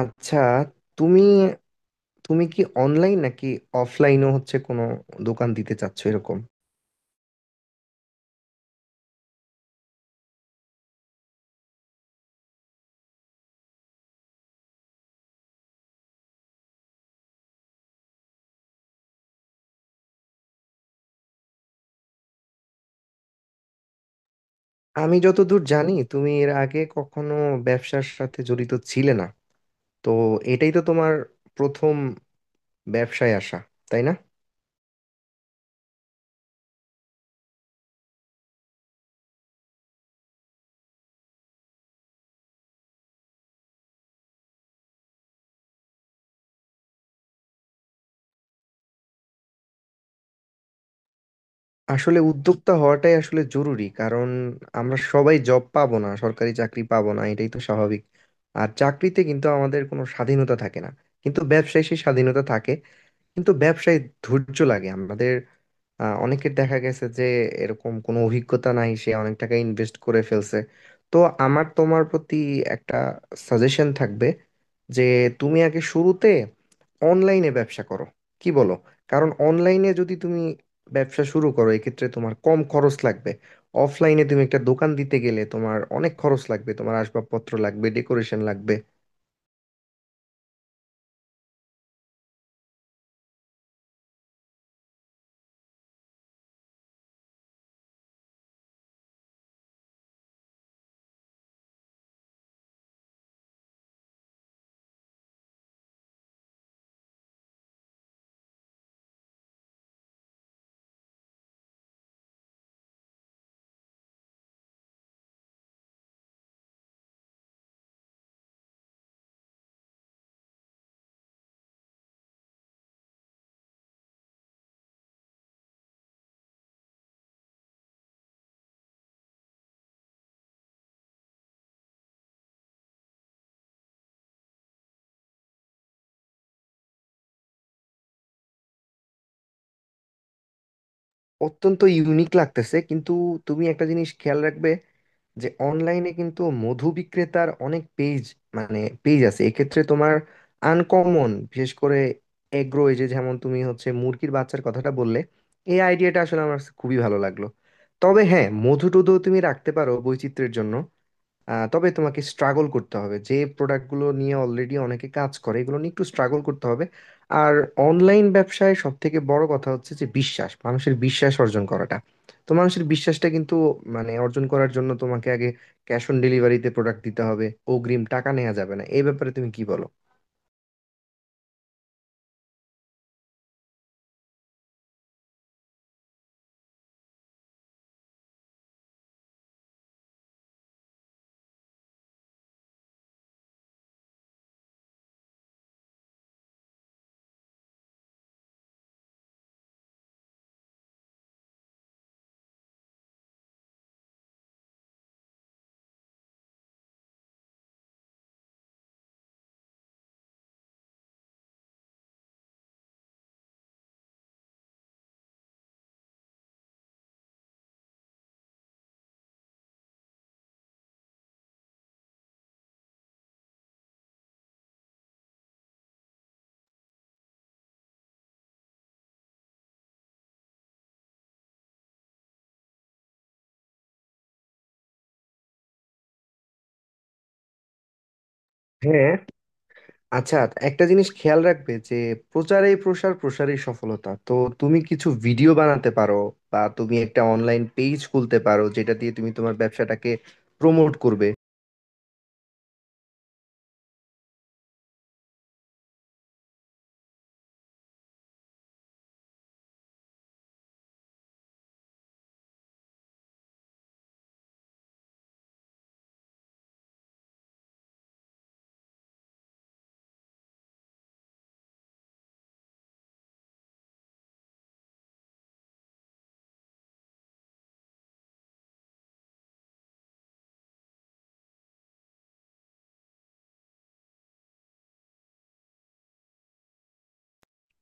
আচ্ছা। তুমি তুমি কি অনলাইন নাকি অফলাইনও হচ্ছে কোনো দোকান দিতে চাচ্ছো এরকম? আমি যতদূর জানি, তুমি এর আগে কখনো ব্যবসার সাথে জড়িত ছিলে না। তো এটাই তো তোমার প্রথম ব্যবসায় আসা, তাই না? আসলে উদ্যোক্তা হওয়াটাই আসলে জরুরি, কারণ আমরা সবাই জব পাবো না, সরকারি চাকরি পাবো না, এটাই তো স্বাভাবিক। আর চাকরিতে কিন্তু আমাদের কোনো স্বাধীনতা থাকে না, কিন্তু ব্যবসায় সেই স্বাধীনতা থাকে। কিন্তু ব্যবসায় ধৈর্য লাগে আমাদের। অনেকের দেখা গেছে যে এরকম কোনো অভিজ্ঞতা নাই, সে অনেক টাকা ইনভেস্ট করে ফেলছে। তো আমার তোমার প্রতি একটা সাজেশন থাকবে যে তুমি আগে শুরুতে অনলাইনে ব্যবসা করো, কি বলো? কারণ অনলাইনে যদি তুমি ব্যবসা শুরু করো, এক্ষেত্রে তোমার কম খরচ লাগবে। অফলাইনে তুমি একটা দোকান দিতে গেলে তোমার অনেক খরচ লাগবে, তোমার আসবাবপত্র লাগবে, ডেকোরেশন লাগবে। অত্যন্ত ইউনিক লাগতেছে, কিন্তু তুমি একটা জিনিস খেয়াল রাখবে যে অনলাইনে কিন্তু মধু বিক্রেতার অনেক পেজ, মানে পেজ আছে। এক্ষেত্রে তোমার আনকমন, বিশেষ করে এগ্রো, এই যে যেমন তুমি হচ্ছে মুরগির বাচ্চার কথাটা বললে, এই আইডিয়াটা আসলে আমার কাছে খুবই ভালো লাগলো। তবে হ্যাঁ, মধু টুধু তুমি রাখতে পারো বৈচিত্র্যের জন্য। তবে তোমাকে স্ট্রাগল করতে হবে। যে প্রোডাক্টগুলো নিয়ে অলরেডি অনেকে কাজ করে, এগুলো নিয়ে একটু স্ট্রাগল করতে হবে। আর অনলাইন ব্যবসায় সব থেকে বড় কথা হচ্ছে যে বিশ্বাস, মানুষের বিশ্বাস অর্জন করাটা। তো মানুষের বিশ্বাসটা কিন্তু অর্জন করার জন্য তোমাকে আগে ক্যাশ অন ডেলিভারিতে প্রোডাক্ট দিতে হবে, অগ্রিম টাকা নেওয়া যাবে না। এই ব্যাপারে তুমি কি বলো? হ্যাঁ, আচ্ছা। একটা জিনিস খেয়াল রাখবে যে প্রচারেই প্রসার, প্রসারেই সফলতা। তো তুমি কিছু ভিডিও বানাতে পারো, বা তুমি একটা অনলাইন পেজ খুলতে পারো যেটা দিয়ে তুমি তোমার ব্যবসাটাকে প্রমোট করবে।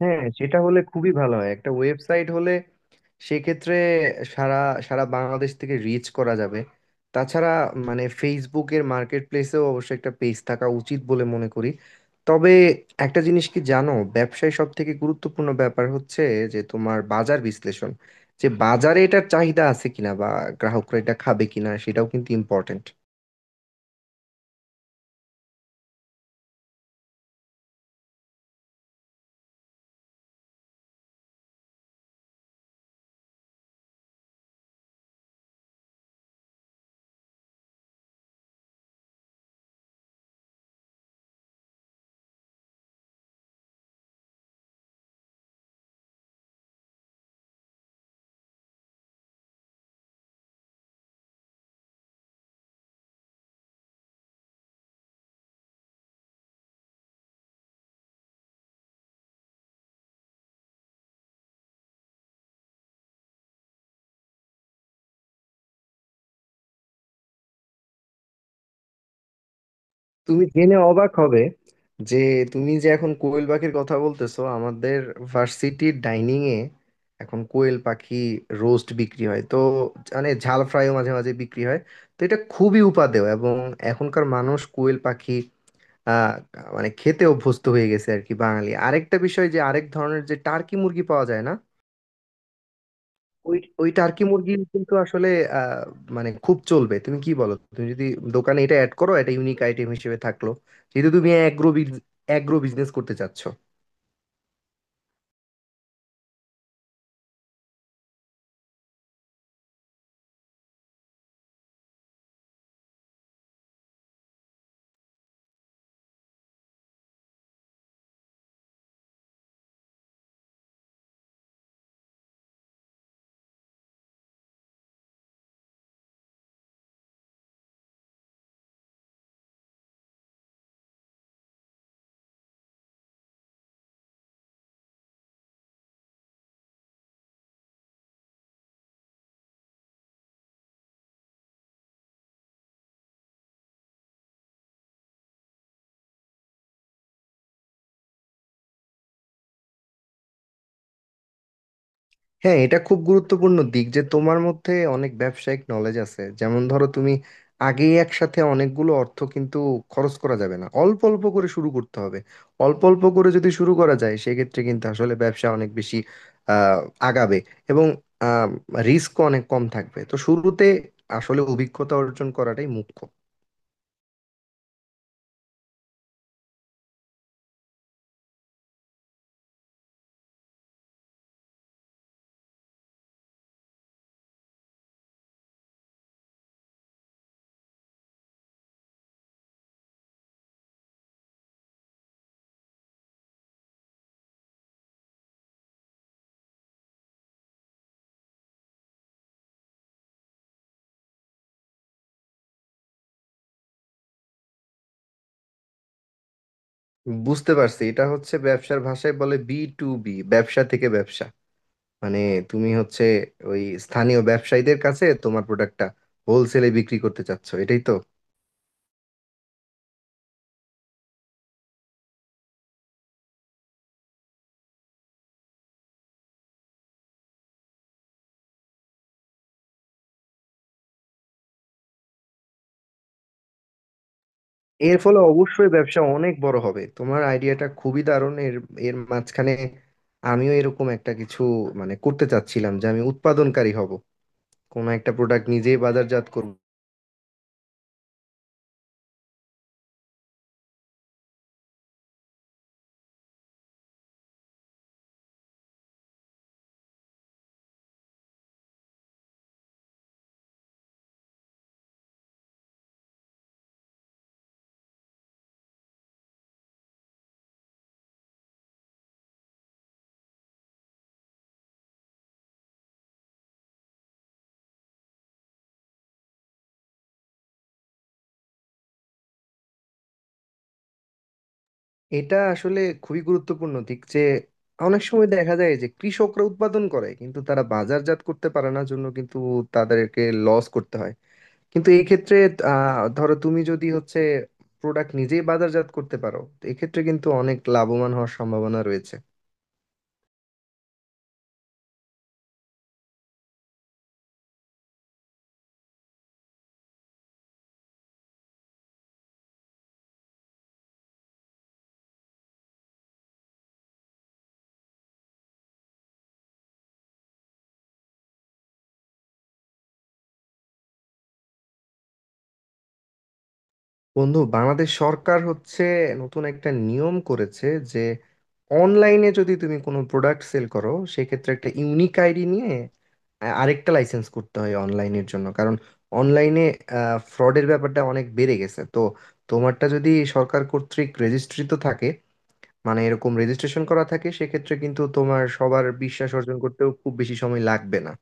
হ্যাঁ, সেটা হলে খুবই ভালো হয়, একটা ওয়েবসাইট হলে সেক্ষেত্রে সারা সারা বাংলাদেশ থেকে রিচ করা যাবে। তাছাড়া ফেসবুকের মার্কেট প্লেসেও অবশ্যই একটা পেজ থাকা উচিত বলে মনে করি। তবে একটা জিনিস কি জানো, ব্যবসায় সব থেকে গুরুত্বপূর্ণ ব্যাপার হচ্ছে যে তোমার বাজার বিশ্লেষণ, যে বাজারে এটার চাহিদা আছে কিনা, বা গ্রাহকরা এটা খাবে কিনা সেটাও কিন্তু ইম্পর্টেন্ট। তুমি জেনে অবাক হবে যে তুমি যে এখন কোয়েল পাখির কথা বলতেছো, আমাদের ভার্সিটির ডাইনিং এ এখন কোয়েল পাখি রোস্ট বিক্রি হয়। তো মানে ঝাল ফ্রাইও মাঝে মাঝে বিক্রি হয়। তো এটা খুবই উপাদেয়, এবং এখনকার মানুষ কোয়েল পাখি আহ মানে খেতে অভ্যস্ত হয়ে গেছে আর কি। বাঙালি আরেকটা বিষয় যে আরেক ধরনের যে টার্কি মুরগি পাওয়া যায় না, ওই ওই টার্কি মুরগি কিন্তু আসলে আহ, মানে খুব চলবে। তুমি কি বলো? তুমি যদি দোকানে এটা অ্যাড করো, এটা ইউনিক আইটেম হিসেবে থাকলো, যেহেতু তুমি অ্যাগ্রো অ্যাগ্রো বিজনেস করতে চাচ্ছ। হ্যাঁ, এটা খুব গুরুত্বপূর্ণ দিক যে তোমার মধ্যে অনেক ব্যবসায়িক নলেজ আছে। যেমন ধরো, তুমি আগে একসাথে অনেকগুলো অর্থ কিন্তু খরচ করা যাবে না, অল্প অল্প করে শুরু করতে হবে। অল্প অল্প করে যদি শুরু করা যায়, সেক্ষেত্রে কিন্তু আসলে ব্যবসা অনেক বেশি আহ, আগাবে, এবং রিস্কও অনেক কম থাকবে। তো শুরুতে আসলে অভিজ্ঞতা অর্জন করাটাই মুখ্য। বুঝতে পারছি, এটা হচ্ছে ব্যবসার ভাষায় বলে বি টু বি, ব্যবসা থেকে ব্যবসা। মানে তুমি হচ্ছে ওই স্থানীয় ব্যবসায়ীদের কাছে তোমার প্রোডাক্টটা হোলসেলে বিক্রি করতে চাচ্ছ, এটাই তো? এর ফলে অবশ্যই ব্যবসা অনেক বড় হবে, তোমার আইডিয়াটা খুবই দারুণ। এর এর মাঝখানে আমিও এরকম একটা কিছু মানে করতে চাচ্ছিলাম যে আমি উৎপাদনকারী হব, কোনো একটা প্রোডাক্ট নিজেই বাজারজাত করব। এটা আসলে খুবই গুরুত্বপূর্ণ দিক যে অনেক সময় দেখা যায় যে কৃষকরা উৎপাদন করে, কিন্তু তারা বাজারজাত করতে পারে না, জন্য কিন্তু তাদেরকে লস করতে হয়। কিন্তু এই ক্ষেত্রে ধরো তুমি যদি হচ্ছে প্রোডাক্ট নিজেই বাজারজাত করতে পারো, তো এক্ষেত্রে কিন্তু অনেক লাভবান হওয়ার সম্ভাবনা রয়েছে। বন্ধু, বাংলাদেশ সরকার হচ্ছে নতুন একটা নিয়ম করেছে যে অনলাইনে যদি তুমি কোনো প্রোডাক্ট সেল করো, সেক্ষেত্রে একটা ইউনিক আইডি নিয়ে আরেকটা লাইসেন্স করতে হয় অনলাইনের জন্য, কারণ অনলাইনে ফ্রডের ব্যাপারটা অনেক বেড়ে গেছে। তো তোমারটা যদি সরকার কর্তৃক রেজিস্ট্রি তো থাকে, মানে এরকম রেজিস্ট্রেশন করা থাকে, সেক্ষেত্রে কিন্তু তোমার সবার বিশ্বাস অর্জন করতেও খুব বেশি সময় লাগবে না।